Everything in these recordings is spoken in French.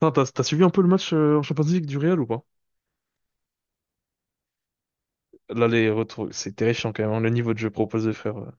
Putain, t'as suivi un peu le match en Champions League du Real ou pas? Là, les retours, c'est terrifiant quand même, hein, le niveau de jeu proposé, frère.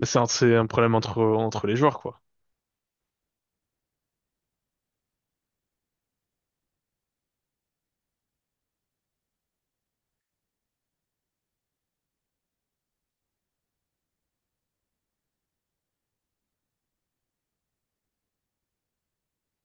Mais c'est un problème entre les joueurs, quoi.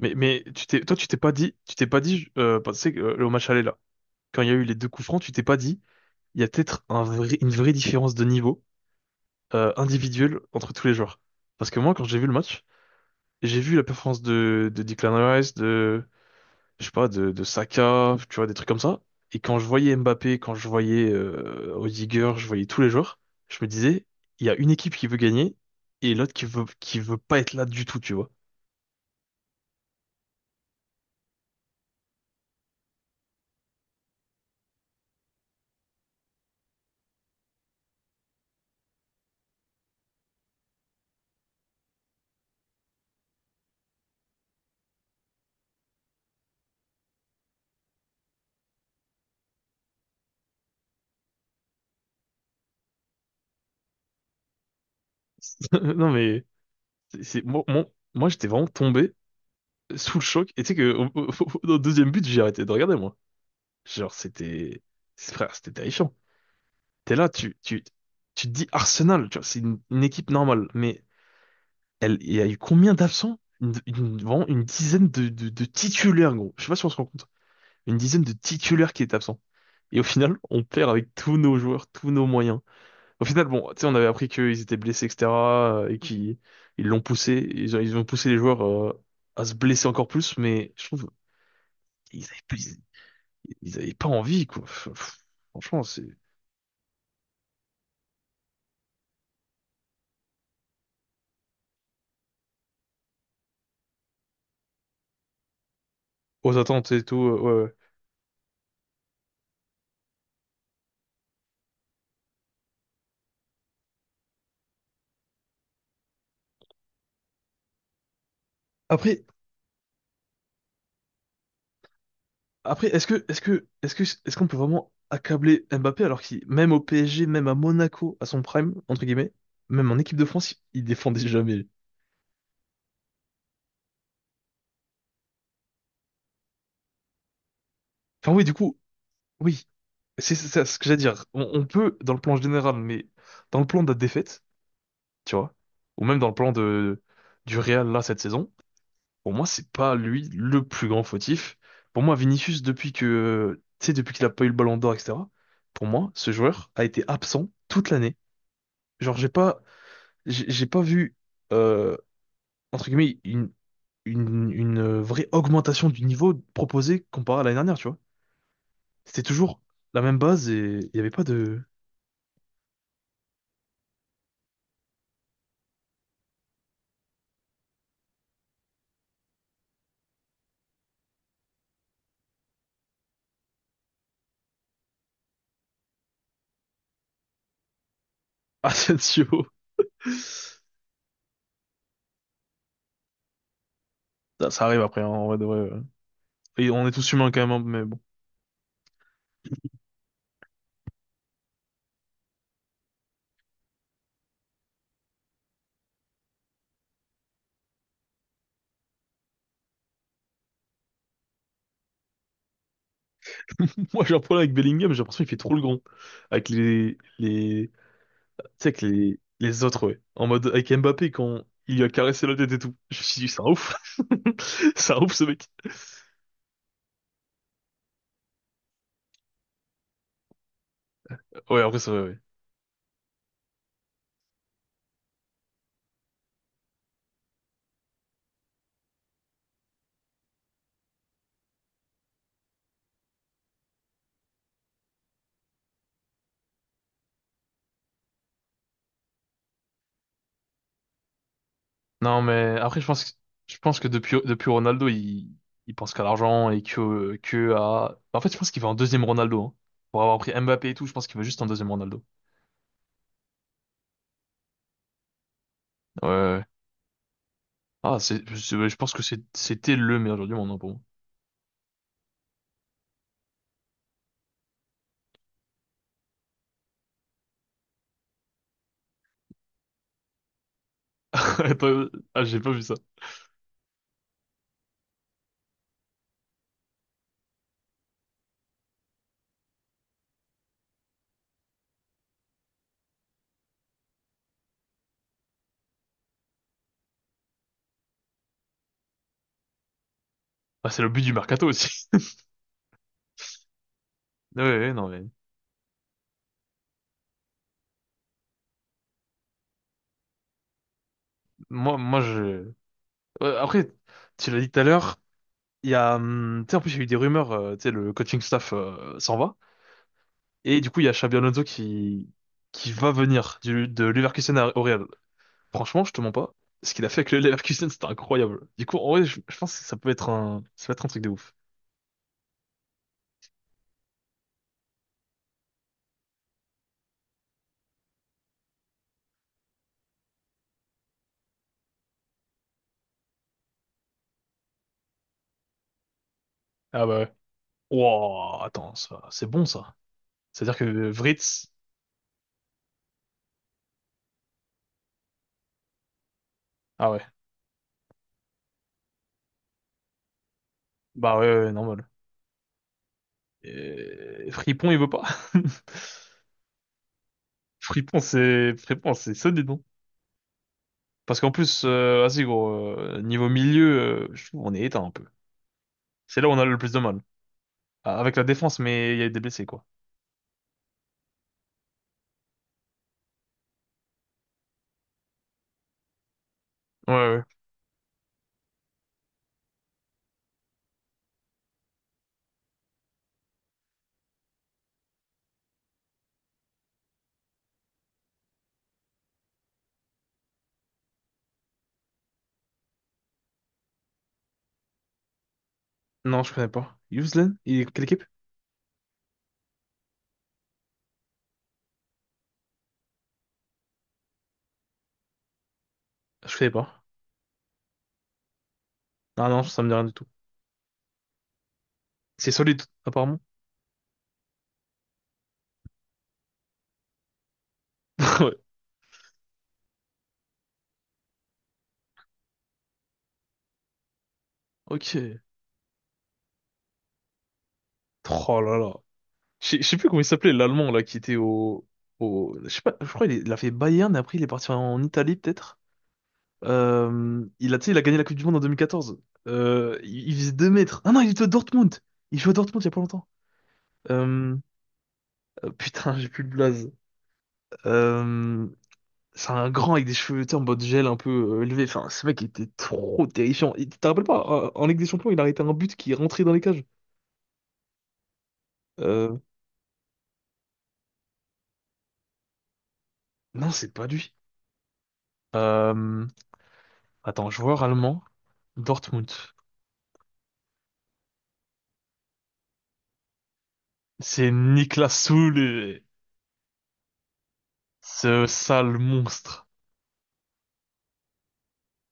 Mais tu t'es pas dit, bah, que, au match aller là, quand il y a eu les deux coups francs, tu t'es pas dit. Il y a peut-être une vraie différence de niveau individuel entre tous les joueurs. Parce que moi, quand j'ai vu le match, j'ai vu la performance de Declan Rice, je sais pas, de Saka, tu vois, des trucs comme ça. Et quand je voyais Mbappé, quand je voyais Rudiger, je voyais tous les joueurs, je me disais, il y a une équipe qui veut gagner et l'autre qui veut pas être là du tout, tu vois. Non, mais c'est, c'est- moi, moi, moi, j'étais vraiment tombé sous le choc. Et tu sais que au deuxième but, j'ai arrêté de regarder, moi. Genre, frère, c'était terrifiant. T'es là, tu te dis Arsenal, tu vois, c'est une équipe normale, mais il y a eu combien d'absents? Vraiment une dizaine de titulaires, gros. Je sais pas si on se rend compte. Une dizaine de titulaires qui étaient absents. Et au final, on perd avec tous nos joueurs, tous nos moyens. Au final, bon, tu sais, on avait appris qu'ils étaient blessés, etc., et qu'ils ils l'ont poussé, ils ont poussé les joueurs à se blesser encore plus, mais je trouve ils avaient plus, ils avaient pas envie, quoi. Franchement, c'est aux attentes et tout. Ouais. Après, après, est-ce qu'on peut vraiment accabler Mbappé alors qu'il, même au PSG, même à Monaco, à son prime entre guillemets, même en équipe de France, il défendait jamais. Enfin oui, du coup, oui, c'est ça ce que j'allais dire. On peut dans le plan général, mais dans le plan de la défaite, tu vois, ou même dans le plan de du Real là cette saison, pour moi c'est pas lui le plus grand fautif. Pour moi, Vinicius tu sais, depuis qu'il a pas eu le Ballon d'Or, etc. Pour moi, ce joueur a été absent toute l'année. Genre, j'ai pas vu, euh, entre guillemets, une vraie augmentation du niveau proposé comparé à l'année dernière, tu vois. C'était toujours la même base et il y avait pas de Asensio. Ça arrive après, hein, en vrai de vrai. Ouais. Et on est tous humains quand même, hein, mais bon. Moi, j'ai un problème avec Bellingham, j'ai l'impression qu'il fait trop le grand. Avec tu sais, avec les autres, ouais. En mode, avec Mbappé, quand il lui a caressé la tête et tout. Je me suis dit, c'est un ouf. C'est un ouf, ce mec. Ouais, après, ça, ouais. Non, mais après, je pense que depuis Ronaldo, il pense qu'à l'argent et que à. En fait, je pense qu'il veut un deuxième Ronaldo. Hein. Pour avoir pris Mbappé et tout, je pense qu'il veut juste un deuxième Ronaldo. Ouais. Ouais. Ah, ouais, je pense que c'était le meilleur joueur du monde, hein, pour moi. Attends, ah, j'ai pas vu ça. Ah, c'est le but du mercato aussi. Ouais, ouais, non, mais. Moi, moi, je. Ouais, après, tu l'as dit tout à l'heure, il y a. Tu sais, en plus, il y a eu des rumeurs, tu sais, le coaching staff s'en va. Et du coup, il y a Xabi Alonso qui va venir de Leverkusen au Real. Franchement, je te mens pas. Ce qu'il a fait avec le Leverkusen, c'était incroyable. Du coup, en vrai, je pense que ça peut être un truc de ouf. Ah bah ouais. Wow, attends, c'est bon ça. C'est-à-dire que Vritz, ah ouais. Bah ouais, ouais, normal. Et Fripon, il veut pas. Fripon, c'est solide, non? Parce qu'en plus, vas-y gros, niveau milieu, je trouve on est éteint un peu. C'est là où on a le plus de mal. Ah, avec la défense, mais il y a eu des blessés, quoi. Ouais, ouais. Non, je connais pas. Yuzlen? Il est quelle équipe? Je connais pas. Ah non, ça me dit rien du tout. C'est solide, apparemment. Ouais. Ok. Oh là là. Je sais plus comment il s'appelait, l'Allemand, là, qui était au. Je sais pas, je crois qu'il a fait Bayern, et après il est parti en Italie, peut-être. Tu sais, il a gagné la Coupe du Monde en 2014. Il faisait 2 mètres. Ah non, il était à Dortmund. Il jouait à Dortmund il y a pas longtemps. Euh, Putain, j'ai plus le blaze. Euh, C'est un grand avec des cheveux, tu sais, en mode gel un peu élevé. Enfin, ce mec était trop terrifiant. Et tu te rappelles pas, en Ligue des Champions, il a arrêté un but qui est rentré dans les cages. Euh, non, c'est pas lui. Euh, Attends, joueur allemand, Dortmund. C'est Niklas Süle, ce sale monstre.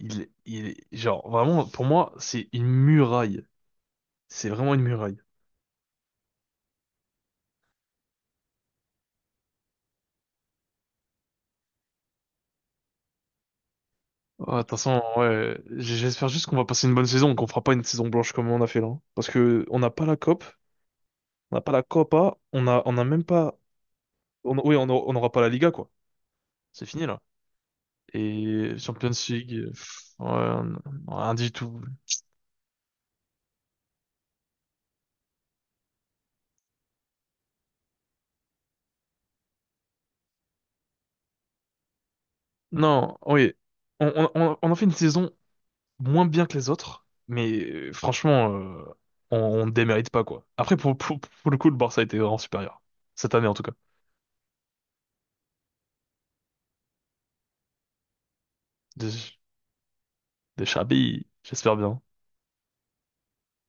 Il, genre, vraiment, pour moi, c'est une muraille. C'est vraiment une muraille. Ah, attention, ouais, j'espère juste qu'on va passer une bonne saison, qu'on fera pas une saison blanche comme on a fait là. Hein. Parce que on n'a pas la COP, on n'a pas la Copa, on n'a même pas oui, on n'aura pas la Liga, quoi. C'est fini, là. Et Champions League, ouais, rien du tout. Non, oui. On en fait une saison moins bien que les autres, mais franchement, on ne démérite pas, quoi. Après, pour le coup, le Barça était vraiment supérieur. Cette année, en tout cas. Des, des Xabi, j'espère bien.